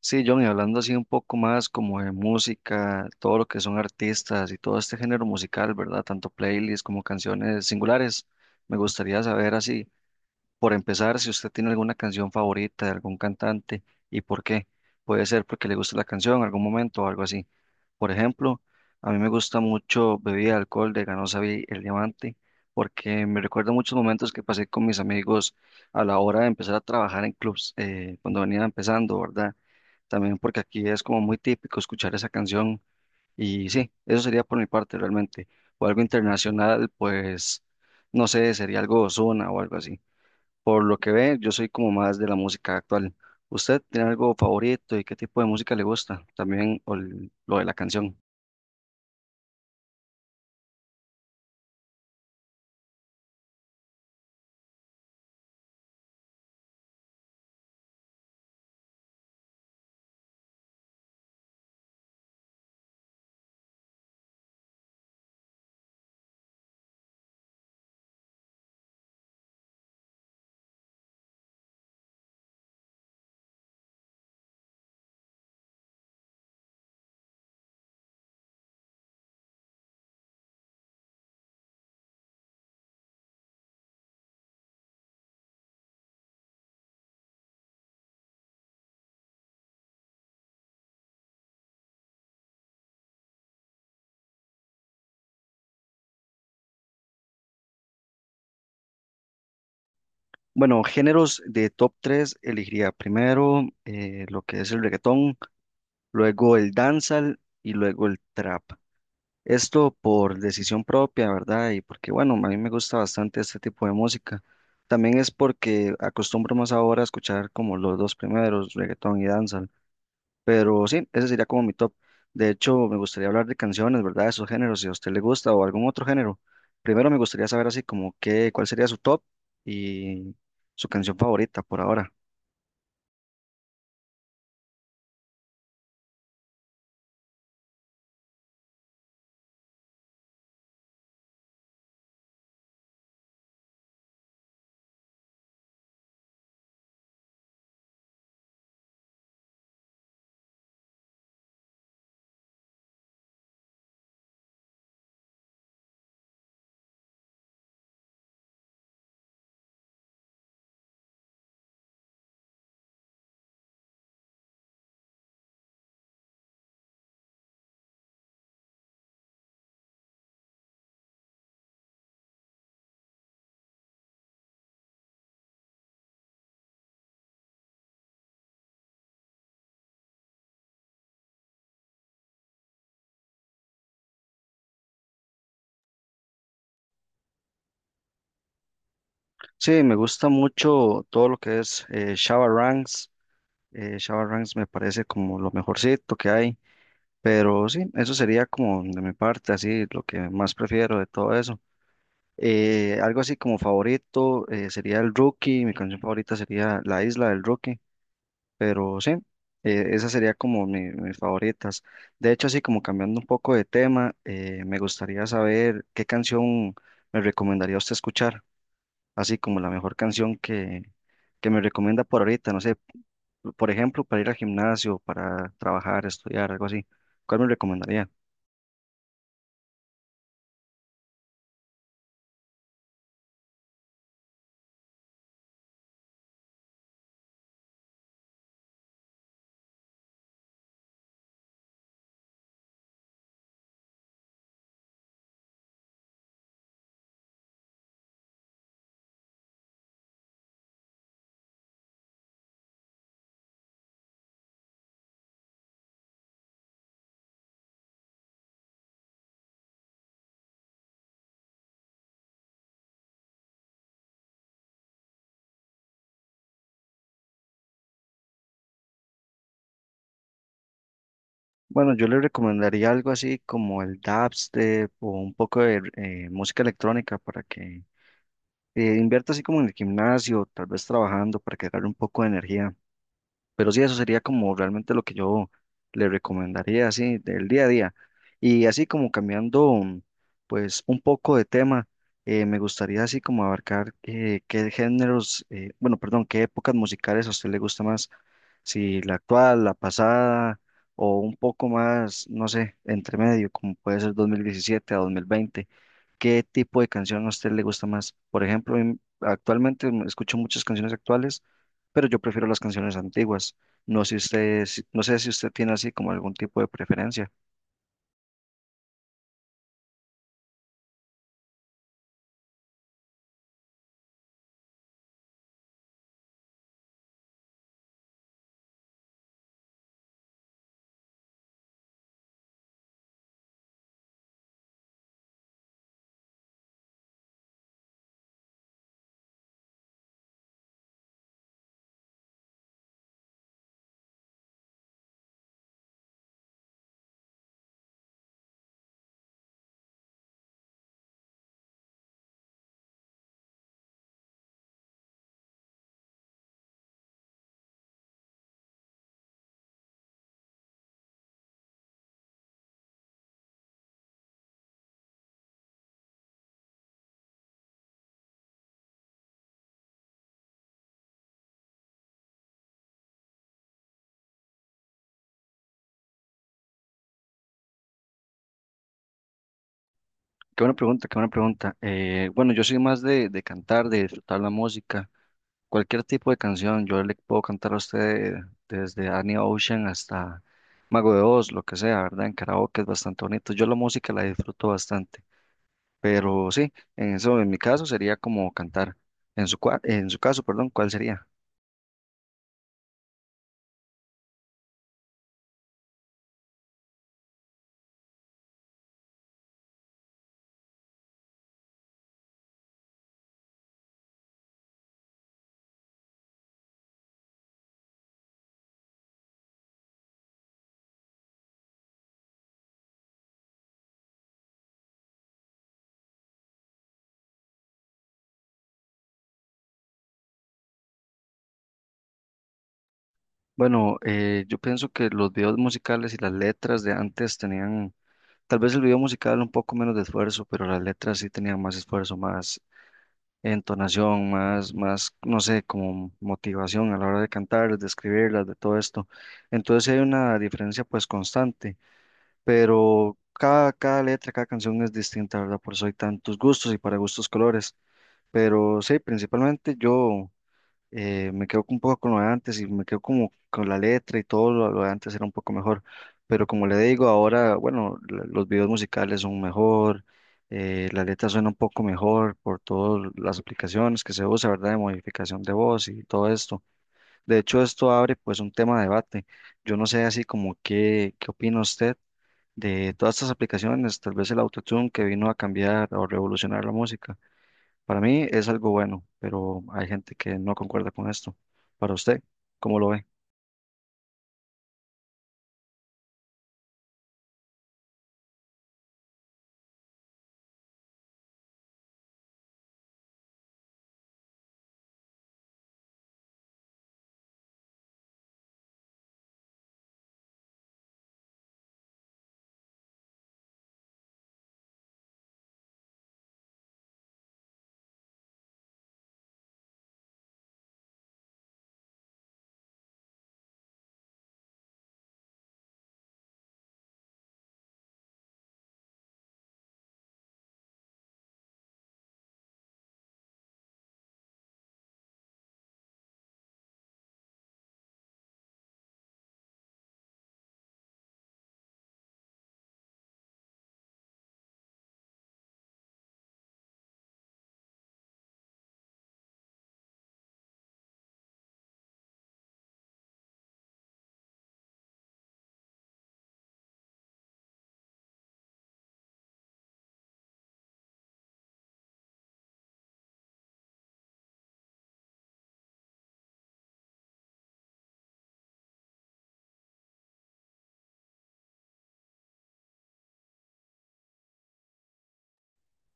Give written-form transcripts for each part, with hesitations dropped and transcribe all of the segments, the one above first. Sí, John, y hablando así un poco más como de música, todo lo que son artistas y todo este género musical, ¿verdad? Tanto playlists como canciones singulares. Me gustaría saber así, por empezar, si usted tiene alguna canción favorita de algún cantante y por qué. Puede ser porque le gusta la canción en algún momento o algo así. Por ejemplo, a mí me gusta mucho Bebida de Alcohol de Ganosa Vi El Diamante porque me recuerda muchos momentos que pasé con mis amigos a la hora de empezar a trabajar en clubs, cuando venía empezando, ¿verdad? También porque aquí es como muy típico escuchar esa canción y sí, eso sería por mi parte realmente. O algo internacional, pues no sé, sería algo de Ozuna o algo así. Por lo que ve, yo soy como más de la música actual. ¿Usted tiene algo favorito y qué tipo de música le gusta? También o lo de la canción. Bueno, géneros de top 3 elegiría primero lo que es el reggaetón, luego el dancehall y luego el trap. Esto por decisión propia, ¿verdad? Y porque, bueno, a mí me gusta bastante este tipo de música. También es porque acostumbro más ahora a escuchar como los dos primeros, reggaetón y danza. Pero sí, ese sería como mi top. De hecho, me gustaría hablar de canciones, ¿verdad? De esos géneros, si a usted le gusta o algún otro género. Primero me gustaría saber así como cuál sería su top y su canción favorita por ahora. Sí, me gusta mucho todo lo que es Shabba Ranks. Shabba Ranks me parece como lo mejorcito que hay. Pero sí, eso sería como de mi parte, así lo que más prefiero de todo eso. Algo así como favorito sería el Rookie, mi canción favorita sería La Isla del Rookie, pero sí, esa sería como mis favoritas. De hecho, así como cambiando un poco de tema, me gustaría saber qué canción me recomendaría usted escuchar, así como la mejor canción que me recomienda por ahorita, no sé, por ejemplo, para ir al gimnasio, para trabajar, estudiar, algo así. ¿Cuál me recomendaría? Bueno, yo le recomendaría algo así como el dubstep o un poco de música electrónica para que invierta así como en el gimnasio, tal vez trabajando para que agarre un poco de energía. Pero sí, eso sería como realmente lo que yo le recomendaría, así, del día a día. Y así como cambiando pues, un poco de tema, me gustaría así como abarcar qué géneros, bueno, perdón, qué épocas musicales a usted le gusta más, si la actual, la pasada, o un poco más, no sé, entre medio, como puede ser 2017 a 2020. ¿Qué tipo de canción a usted le gusta más? Por ejemplo, actualmente escucho muchas canciones actuales, pero yo prefiero las canciones antiguas. No sé usted, no sé si usted tiene así como algún tipo de preferencia. Qué buena pregunta, qué buena pregunta. Bueno, yo soy más de cantar, de disfrutar la música, cualquier tipo de canción. Yo le puedo cantar a usted desde Annie Ocean hasta Mago de Oz, lo que sea, ¿verdad? En karaoke es bastante bonito. Yo la música la disfruto bastante. Pero sí, en eso en mi caso sería como cantar. En en su caso, perdón, ¿cuál sería? Bueno, yo pienso que los videos musicales y las letras de antes tenían, tal vez el video musical un poco menos de esfuerzo, pero las letras sí tenían más esfuerzo, más entonación, más, no sé, como motivación a la hora de cantar, de escribirlas, de todo esto. Entonces sí hay una diferencia pues constante, pero cada letra, cada canción es distinta, ¿verdad? Por eso hay tantos gustos y para gustos colores. Pero sí, principalmente yo me quedo un poco con lo de antes y me quedo como con la letra y todo lo de antes era un poco mejor. Pero como le digo, ahora, bueno, los videos musicales son mejor, la letra suena un poco mejor por todas las aplicaciones que se usa, ¿verdad? De modificación de voz y todo esto. De hecho, esto abre pues un tema de debate. Yo no sé así como qué opina usted de todas estas aplicaciones, tal vez el autotune que vino a cambiar o revolucionar la música. Para mí es algo bueno, pero hay gente que no concuerda con esto. Para usted, ¿cómo lo ve?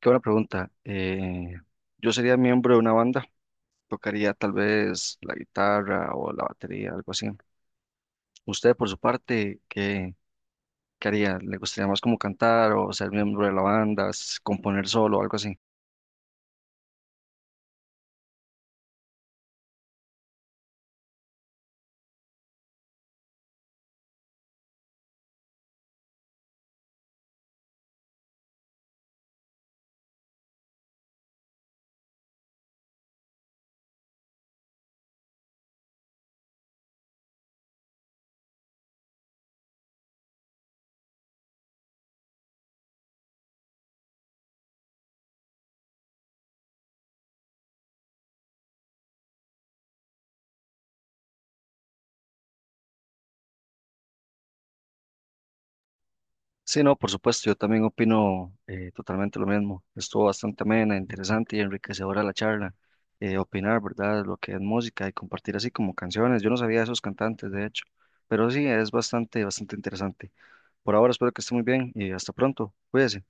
Qué buena pregunta. Yo sería miembro de una banda, tocaría tal vez la guitarra o la batería, algo así. Usted, por su parte, ¿qué haría? ¿Le gustaría más como cantar o ser miembro de la banda, componer solo, algo así? Sí, no, por supuesto, yo también opino totalmente lo mismo. Estuvo bastante amena, interesante y enriquecedora la charla. Opinar, ¿verdad? Lo que es música y compartir así como canciones. Yo no sabía de esos cantantes, de hecho, pero sí, es bastante interesante. Por ahora espero que esté muy bien y hasta pronto. Cuídese.